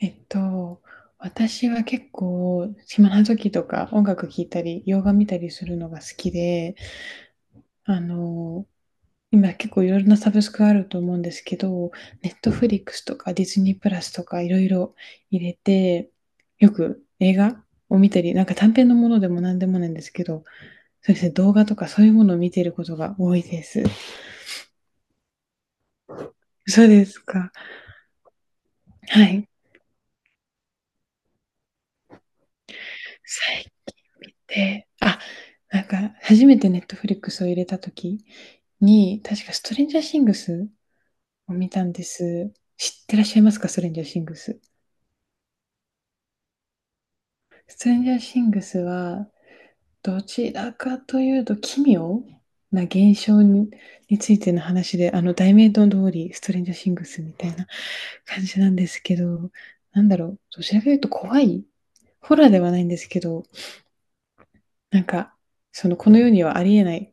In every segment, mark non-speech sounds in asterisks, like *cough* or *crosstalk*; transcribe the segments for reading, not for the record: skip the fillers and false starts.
えっと、私は結構、暇な時とか音楽聴いたり、洋画見たりするのが好きで、あの、今結構いろいろなサブスクあると思うんですけど、ネットフリックスとかディズニープラスとかいろいろ入れて、よく映画を見たり、なんか短編のものでも何でもないんですけど、そうですね、動画とかそういうものを見ていることが多いです。*laughs* そうですか。はい。最低。あ、なんか初めてネットフリックスを入れたときに、確かストレンジャーシングスを見たんです。知ってらっしゃいますか、ストレンジャーシングス。ストレンジャーシングスは、どちらかというと、奇妙な現象に、についての話で、題名の通り、ストレンジャーシングスみたいな感じなんですけど、なんだろう、どちらかというと怖いホラーではないんですけど、なんか、その、この世にはありえない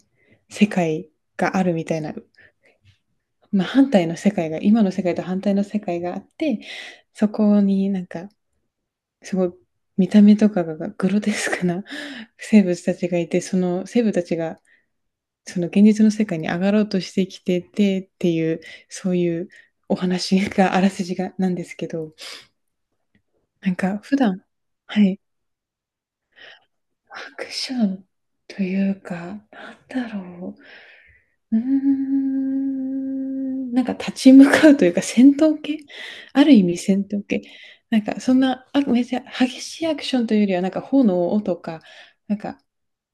世界があるみたいな、まあ、反対の世界が、今の世界と反対の世界があって、そこになんか、すごい見た目とかがグロテスクな *laughs* 生物たちがいて、その生物たちがその現実の世界に上がろうとしてきててっていう、そういうお話が、あらすじがなんですけど、なんか普段、はい、アクションというか、なんだろう、うーん、なんか立ち向かうというか戦闘系、ある意味戦闘系、なんかそんなあめっちゃ激しいアクションというよりはなんか炎とかなんか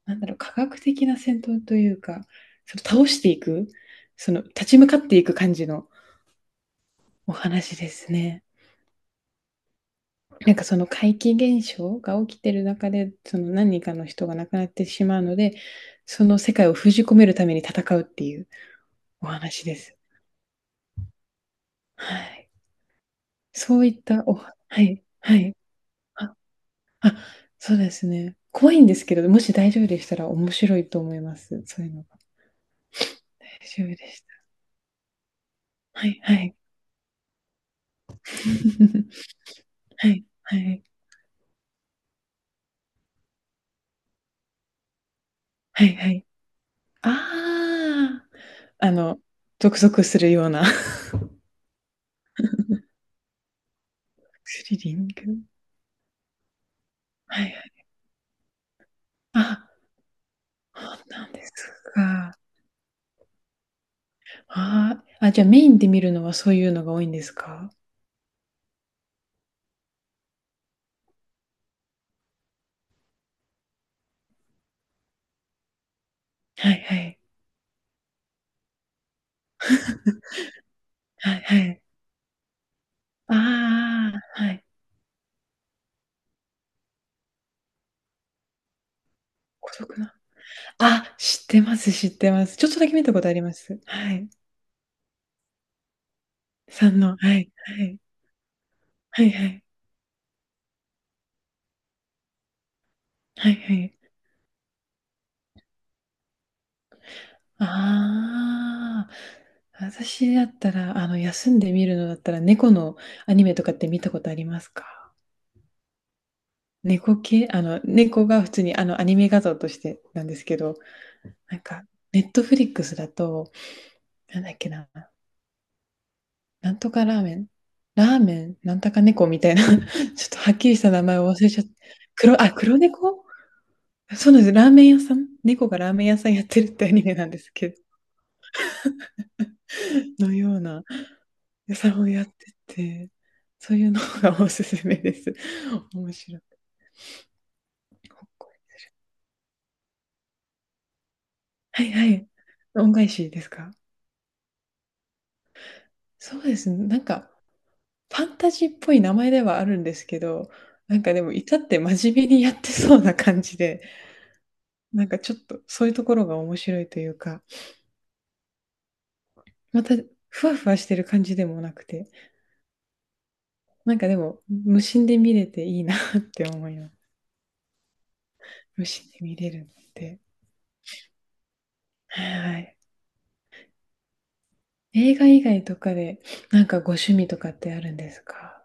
なんだろう科学的な戦闘というか、その倒していく、その立ち向かっていく感じのお話ですね。なんかその怪奇現象が起きてる中でその何人かの人が亡くなってしまうのでその世界を封じ込めるために戦うっていうお話です。はい、そういったおは、はい、はい。あ、あ、そうですね。怖いんですけど、もし大丈夫でしたら面白いと思います、そういうのが。大丈夫でした。はいはい。*laughs* はいはい。はいはい。ああ、ゾクゾクするような *laughs* スリリング。はいはい。あ、ほうなんですか。ああ、あ、じゃあメインで見るのはそういうのが多いんですか？はいはい。はいはい。ああ、はい。孤独な、あ、知ってます、知ってます。ちょっとだけ見たことあります。はい。さんの、はいはい。はいはい。はいはい、ああ、私だったら、休んで見るのだったら、猫のアニメとかって見たことありますか？猫系、猫が普通に、アニメ画像としてなんですけど、なんか、ネットフリックスだと、なんだっけな、なんとかラーメンラーメンなんとか猫みたいな、*laughs* ちょっとはっきりした名前を忘れちゃった。黒、あ、黒猫？*laughs* そうなんです。ラーメン屋さん猫がラーメン屋さんやってるってアニメなんですけど、*laughs* のような屋さんをやってて、そういうのがおすすめです。*laughs* 面白い。ほっこり、はいはい。恩返しですか？そうですね、なんか、ファンタジーっぽい名前ではあるんですけど、なんかでも至って真面目にやってそうな感じで、なんかちょっとそういうところが面白いというか、またふわふわしてる感じでもなくて、なんかでも、無心で見れていいなって思います。無視で見れるので。はいはい。映画以外とかで、なんかご趣味とかってあるんですか？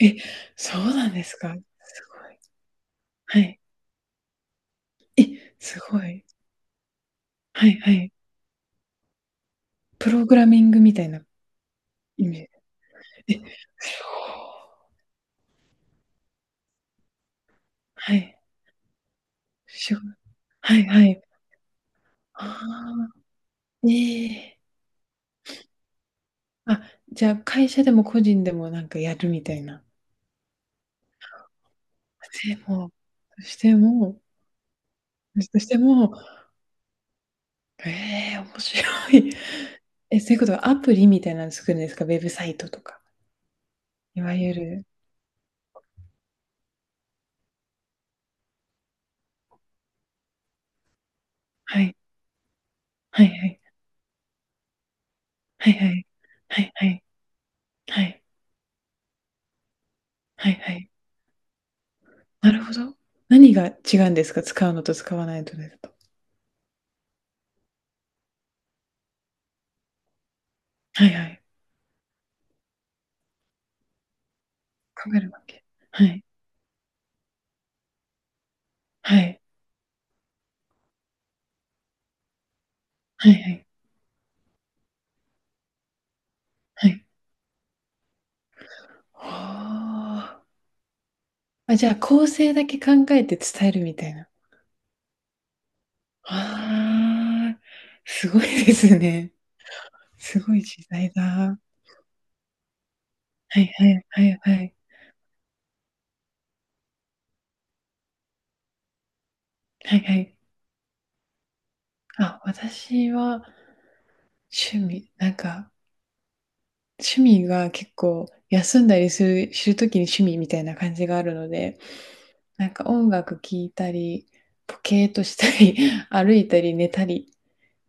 え、そうなんですか。すごい。はい。え、すごい。はいはい。プログラミングみたいな意味。え、すごい。はい。しょ、はいはい。ああ、ええ。あ、じゃあ会社でも個人でもなんかやるみたいな。でも、そしてもそしても、ええ、面白い。え、そういうことはアプリみたいなの作るんですか？ウェブサイトとか。いわゆる、はい。はいはい。はいはい。はいはい。はい。はいはい。なるほど。何が違うんですか？使うのと使わないのとだと。はいはい。考えるわけ。はい。はい。はいはい。はい。はあ。あ、じゃあ、構成だけ考えて伝えるみたいな。ああ、すごいですね。すごい時代だ。はいはいはいはい。はいはい。あ、私は趣味、なんか、趣味が結構休んだりするときに趣味みたいな感じがあるので、なんか音楽聴いたり、ポケーとしたり、*laughs* 歩いたり寝たり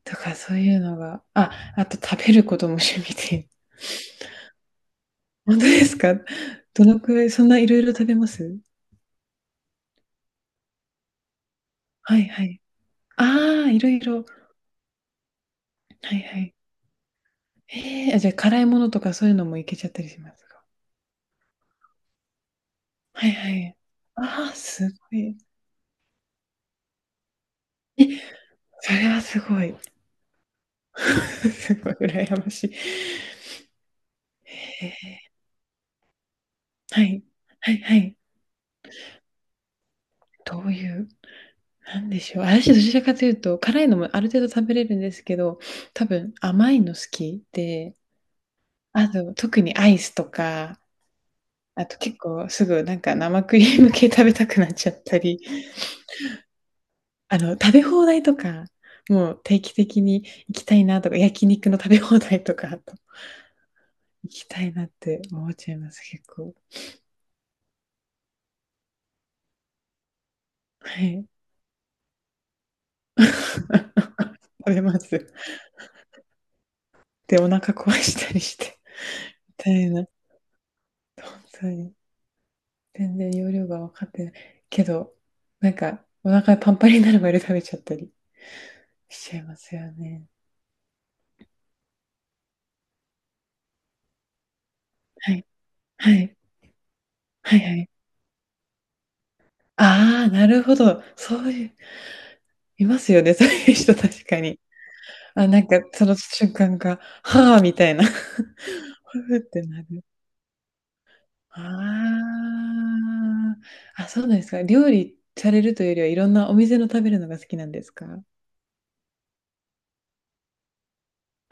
とかそういうのが、あ、あと食べることも趣味で。*laughs* 本当ですか、どのくらい、そんないろいろ食べます、はいはい。ああ、いろいろ。はいはい。ええあ、じゃあ辛いものとかそういうのもいけちゃったりしますか、はいはい。ああ、すごい。え、それはすごい。*laughs* すごい羨ましい。へえ、はい。はいはい。どういう、なんでしょう。私どちらかというと、辛いのもある程度食べれるんですけど、多分甘いの好きで、あと特にアイスとか、あと結構すぐなんか生クリーム系食べたくなっちゃったり、食べ放題とか、もう定期的に行きたいなとか、焼肉の食べ放題とか、あと行きたいなって思っちゃいます、結構。はい。*laughs* 食べます。で、お腹壊したりして、みたいな。本当に。全然容量が分かってない。けど、なんか、お腹パンパンになるまで食べちゃったりしちゃいますよね。はい。はい。はいはい。ああ、なるほど。そういう、いますよね、そういう人確かに。あ、なんか、その瞬間が、はあ、みたいな。*laughs* ふふってなる。ああ。あ、そうなんですか。料理されるというよりは、いろんなお店の食べるのが好きなんですか？は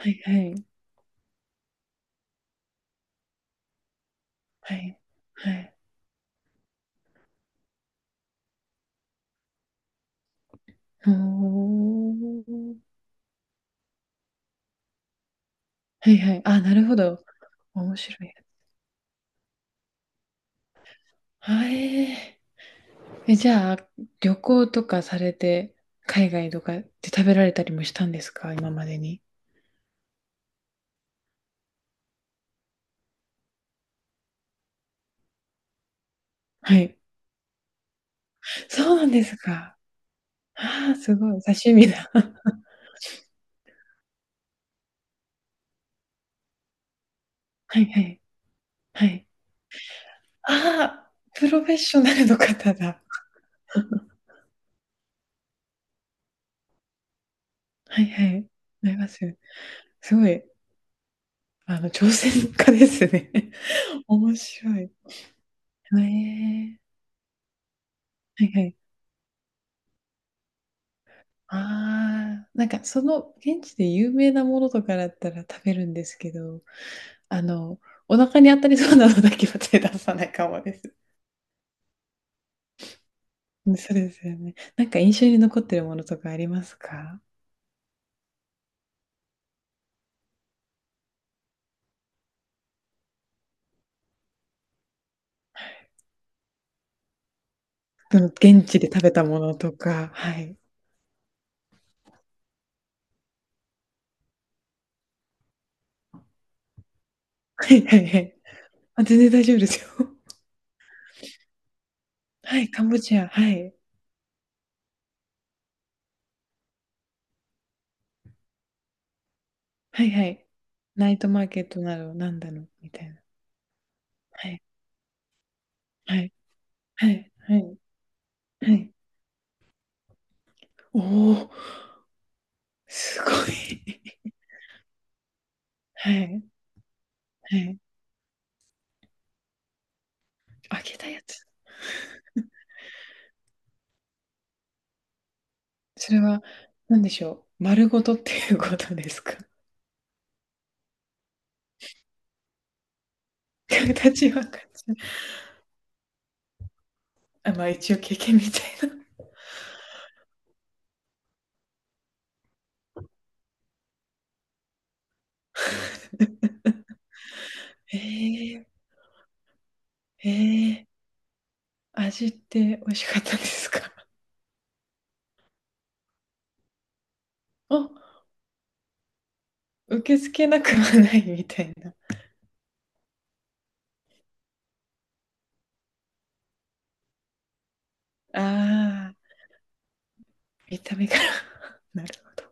いはい。はい。はい。うーん。はいはい、おー、はいはい、あ、なるほど。面白い。はい、え、じゃあ、旅行とかされて、海外とかで食べられたりもしたんですか、今までに。はい。そうなんですか。ああ、すごい。刺身だ。*laughs* はいはい。はい。ああ、プロフェッショナルの方だ。*laughs* はいはい。なります。すごい、挑戦家ですね。*laughs* 面白い。ええ、はいはい。ああ、なんかその現地で有名なものとかだったら食べるんですけど、あの、お腹に当たりそうなのだけは手出さないかもです。*laughs* うん、そうですよね。なんか印象に残ってるものとかありますか？その現地で食べたものとか、はい。はいはいはい。あ、全然大丈夫ですよ。*laughs* はい、カンボジア、はい。はいはい。ナイトマーケットなどなんだろうみたいな。はい、はい、はい、はい、はい。おお、すごい。*laughs* はい、はい。揚げたやつ。それは、何でしょう。丸ごとっていうことですか？ *laughs* 形は感じない、あ、まあ一応経験みたいな。*laughs* ええ、ええ、味って美味しかったですか？ *laughs* あ、受け付けなくはないみたいな。ああ、見た目から。*laughs* なるほど。